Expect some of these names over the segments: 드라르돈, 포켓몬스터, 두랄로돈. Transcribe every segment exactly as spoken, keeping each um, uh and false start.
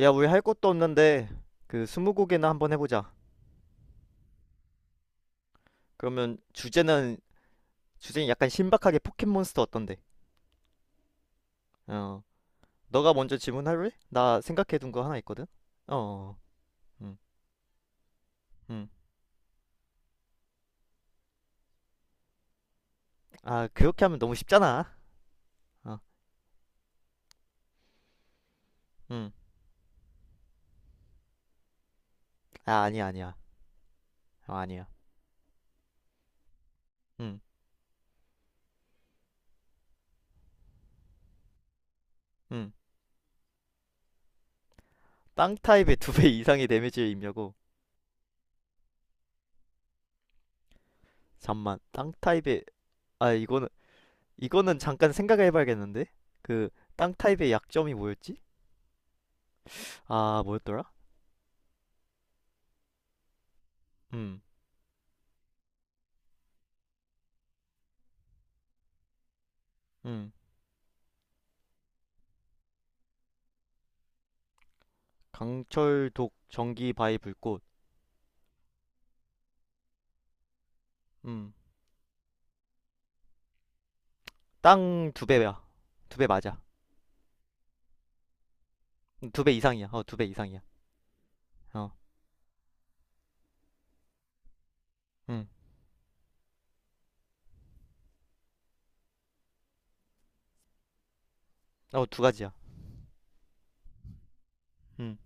야, 우리 할 것도 없는데 그 스무고개나 한번 해보자. 그러면 주제는 주제는 약간 신박하게 포켓몬스터 어떤데? 어, 너가 먼저 질문할래? 나 생각해둔 거 하나 있거든. 어, 어, 어. 음, 음. 아, 그렇게 하면 너무 쉽잖아. 어, 음. 아, 아니야, 아니야. 어, 아니야. 음, 음. 땅 타입의 두 배 이상의 데미지를 입냐고? 잠만. 땅 타입의 아, 이거는 이거는 잠깐 생각해봐야겠는데? 그 땅 타입의 약점이 뭐였지? 아, 뭐였더라? 음, 음. 강철독 전기 바위 불꽃. 음. 땅 두 배야. 두 배 맞아. 음, 두배 이상이야. 어, 두 배 이상이야. 어. 음. 어, 두 가지야. 음.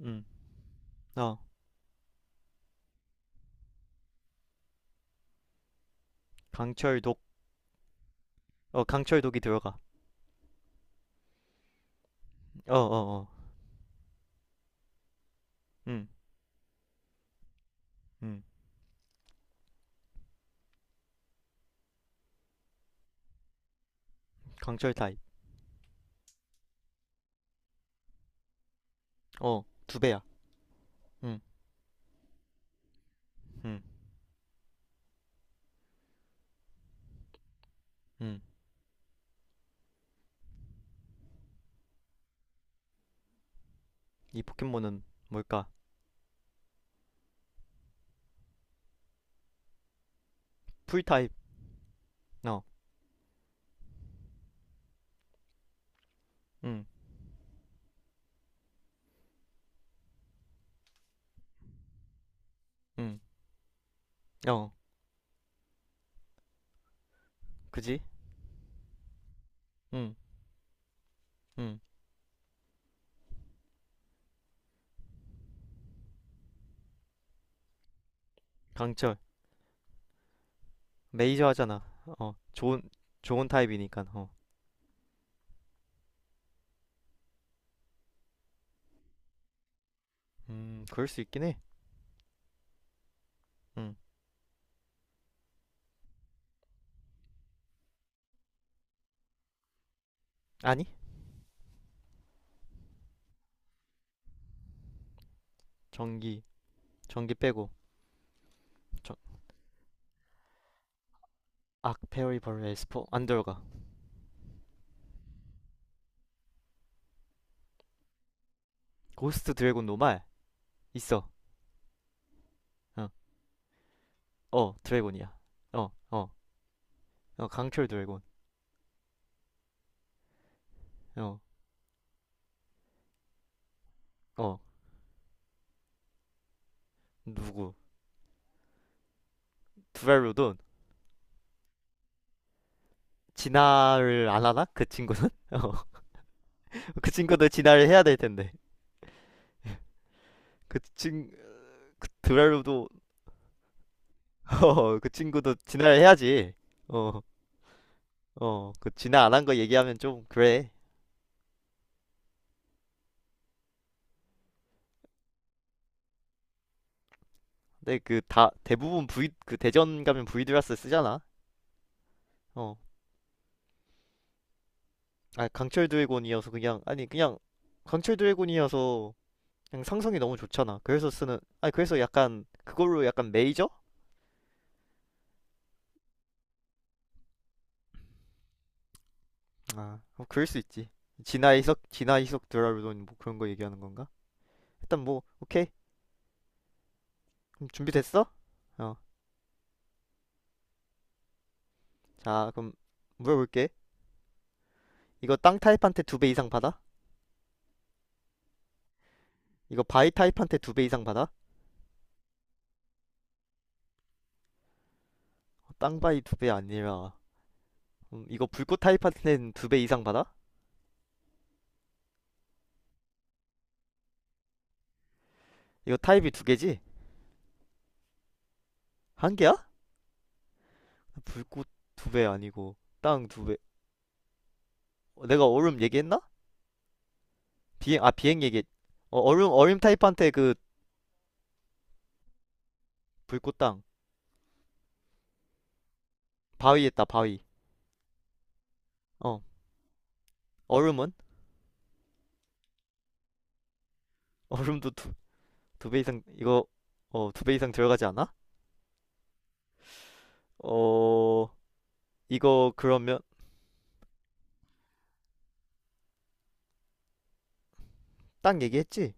음. 어. 강철독. 어, 강철독이 들어가. 어, 어, 어. 음. 음. 강철 타입. 어, 두 배야. 음. 음. 음. 이 포켓몬은 뭘까? 풀 타입. 어. 음. 음. 어. 그지? 음. 음. 강철. 메이저 하잖아. 어. 좋은 좋은 타입이니까. 어. 음, 그럴 수 있긴 해. 음. 아니 전기 전기 빼고 저, 악페어리벌 에스포 안 들어가. 고스트 드래곤 노말 있어. 어, 어 드래곤이야. 어어 어, 어, 강철 드래곤. 어어 어, 누구 두랄로돈. 진화를 안 하나 그 친구는 어그 친구도 진화를 해야 될 텐데. 그 친 그 드랄로도 어그 친구도 진화를 해야지. 어어그 진화 안한 거 얘기하면 좀 그래. 근데 그 다 대부분 V 그 대전 가면 이 드라스 쓰잖아. 어. 아 강철 드래곤이어서 그냥 아니 그냥 강철 드래곤이어서 그냥 상성이 너무 좋잖아. 그래서 쓰는 아니 그래서 약간 그걸로 약간 메이저? 아 뭐 그럴 수 있지. 진화 이석 진화 이석 드라르돈 뭐 그런 거 얘기하는 건가? 일단 뭐 오케이 그럼 준비됐어? 어. 자 그럼 물어볼게. 이거 땅 타입한테 두 배 이상 받아? 이거 바위 타입한테 두 배 이상 받아? 어, 땅 바위 두 배 아니라 음, 이거 불꽃 타입한테는 두 배 이상 받아? 이거 타입이 두 개지? 한 개야? 불꽃 두 배 아니고 땅 두 배. 어, 내가 얼음 얘기했나? 비행 아 비행 얘기. 어, 얼음 얼음 타입한테 그 불꽃 땅 바위 했다 바위. 어 얼음은 얼음도 두 두 배 이상 이거 어 두 배 이상 들어가지 않아? 어 이거 그러면 땅 얘기했지?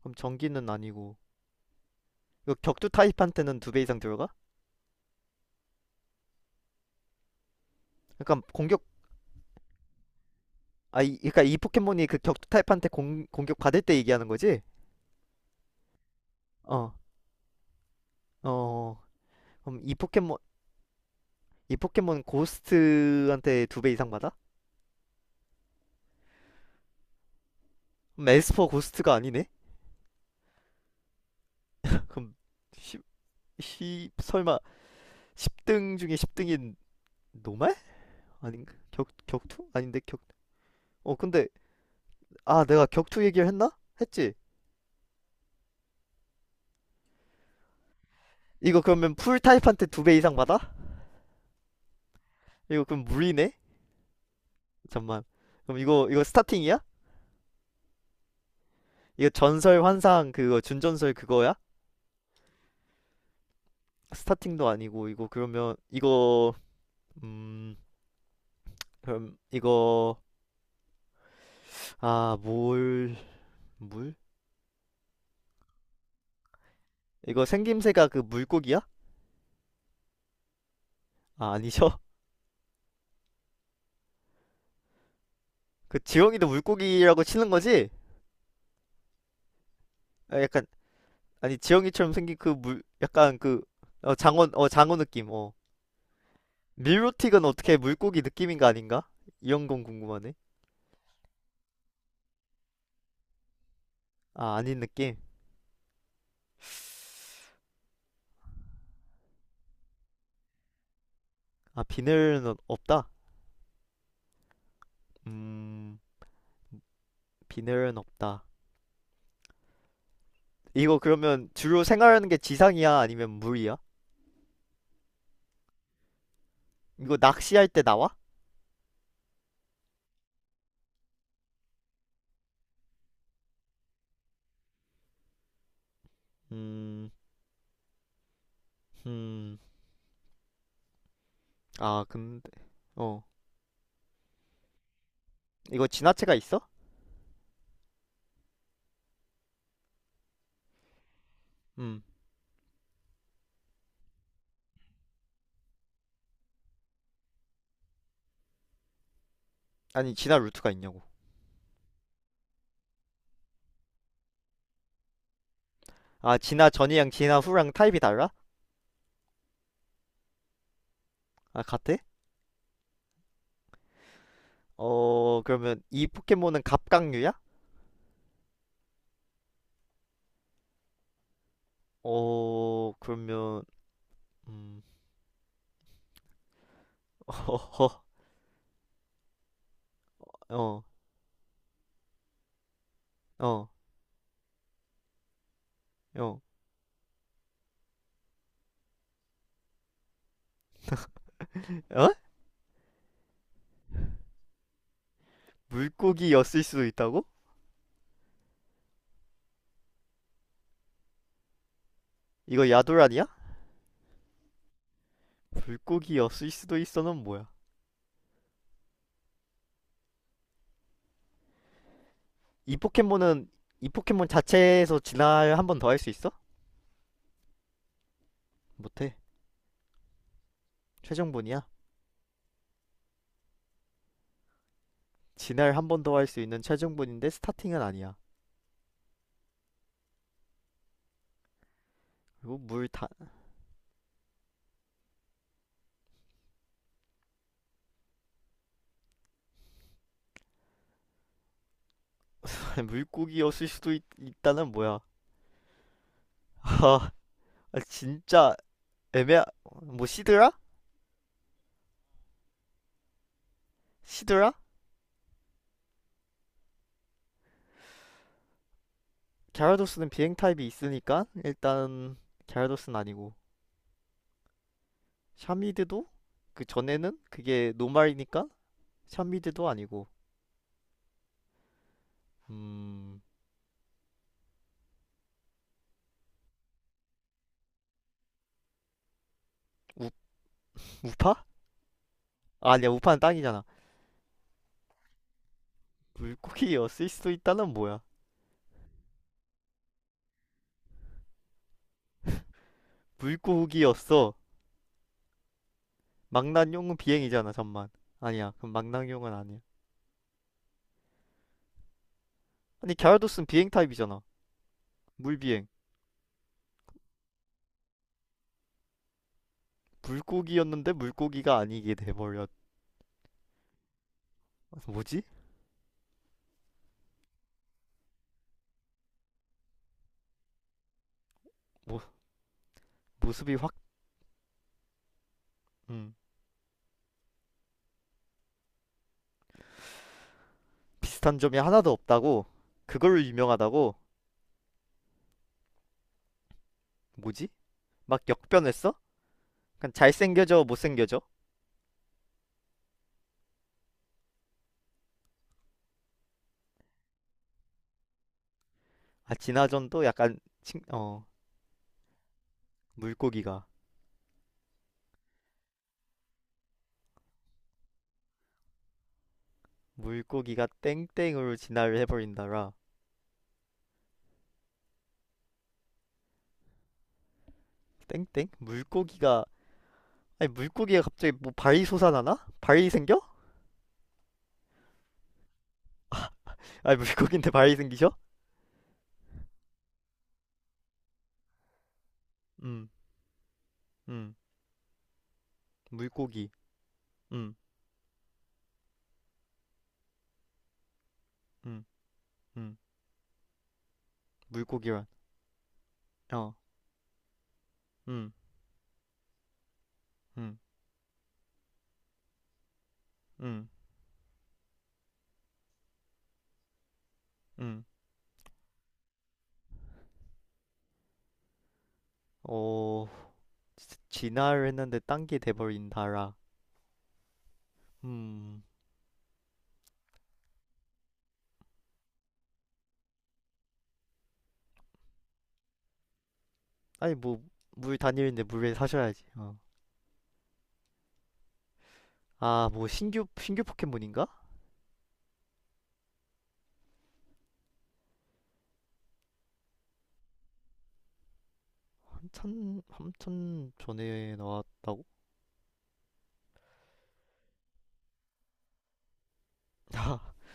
그럼 전기는 아니고 이거 격투 타입한테는 두 배 이상 들어가? 그러니까 공격 아 이, 그러니까 이 포켓몬이 그 격투 타입한테 공 공격 받을 때 얘기하는 거지? 어. 어. 그럼 이 포켓몬 이 포켓몬 고스트한테 두 배 이상 받아? 그럼 에스퍼 고스트가 아니네? 그럼 십, 십 설마 십 등 중에 십 등인 노말? 아닌가? 격 격투? 아닌데 격. 어 근데 아 내가 격투 얘기를 했나? 했지. 이거 그러면 풀 타입한테 두 배 이상 받아? 이거 그럼 물이네. 잠만. 그럼 이거 이거 스타팅이야? 이거 전설 환상 그거 준전설 그거야? 스타팅도 아니고 이거 그러면 이거 음 그럼 이거 아뭘 물? 이거 생김새가 그 물고기야? 아 아니죠? 그 지영이도 물고기라고 치는 거지? 아, 약간 아니 지영이처럼 생긴 그 물 약간 그 어, 장어 어 장어 느낌 어. 밀로틱은 어떻게 물고기 느낌인가 아닌가? 이런 건 궁금하네. 아 아닌 느낌. 아 비늘은 없다. 음 비늘은 없다. 이거 그러면 주로 생활하는 게 지상이야 아니면 물이야? 이거 낚시할 때 나와? 음, 음, 아 근데 어. 이거 진화체가 있어? 음. 아니 진화 루트가 있냐고. 아 진화 전이랑 진화 후랑 타입이 달라? 아 같아? 어, 그러면 이 포켓몬은 갑각류야? 어, 그러면, 음, 어허, 어, 어, 어, 어? 물고기였을 수도 있다고? 이거 야돌 아니야? 물고기였을 수도 있어는 뭐야? 이 포켓몬은, 이 포켓몬 자체에서 진화를 한 번 더 할 수 있어? 못해. 최종본이야. 진화를 한 번 더 할 수 있는 최종본인데 스타팅은 아니야. 그리고 물 다, 물고기였을 수도 있, 있다는 뭐야? 아, 진짜 애매하, 뭐 시드라? 시드라? 갸라도스는 비행 타입이 있으니까 일단 갸라도스는 아니고 샤미드도 그 전에는 그게 노말이니까 샤미드도 아니고 음 우, 우파? 아, 아니야 우파는 땅이잖아. 물고기였을 수도 있다는 뭐야. 물고기였어. 망나뇽은 비행이잖아 잠만. 아니야 그럼 망나뇽은 아니야. 아니 갸라도스는 비행 타입이잖아. 물비행. 물고기였는데 물고기가 아니게 돼버렸. 뭐지? 모, 모습이 확 음. 비슷한 점이 하나도 없다고. 그걸로 유명하다고. 뭐지? 막 역변했어? 약간 잘생겨져 못생겨져? 아 진화전도 약간 칭, 어. 물고기가 물고기가 땡땡으로 진화를 해버린다라. 땡땡? 물고기가 아니 물고기가 갑자기 뭐 발이 솟아나나? 발이 생겨? 아니 물고기인데 발이 생기셔? 음, 음, 물고기, 음, 음, 음, 물고기란, 어, 음, 음, 음, 음, 어, 진화를 했는데 딴 게 돼버린다라. 음. 아니 뭐 물 다니는데 물에 사셔야지. 어. 아, 뭐 신규 신규 포켓몬인가? 한참 한참 전에 나왔.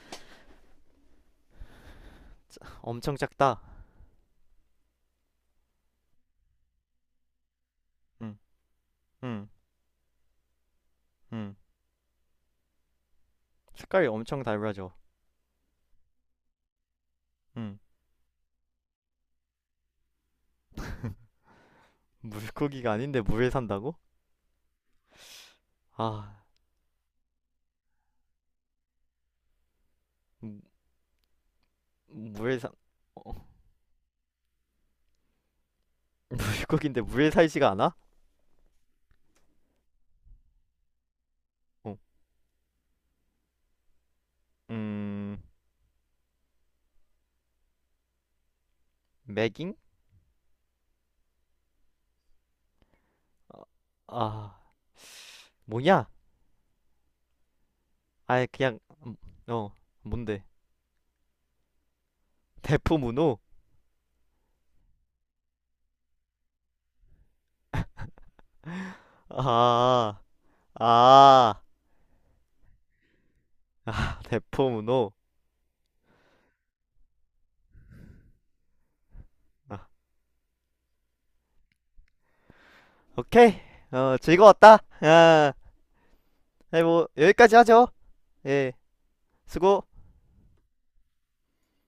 엄청 작다. 응, 응, 응. 색깔이 엄청 달라져. 응. 물고기가 아닌데 물에 산다고? 아, 음... 물에 산 어, 물고기인데 물에 살지가 않아? 어. 음, 매깅? 아, 아, 뭐냐? 아니 그냥 어. 뭔데? 대포 문호. 아, 아, 아, 대포 문호. 아, 오케이. 어, 즐거웠다. 아, 네, 뭐, 여기까지 하죠. 예, 수고.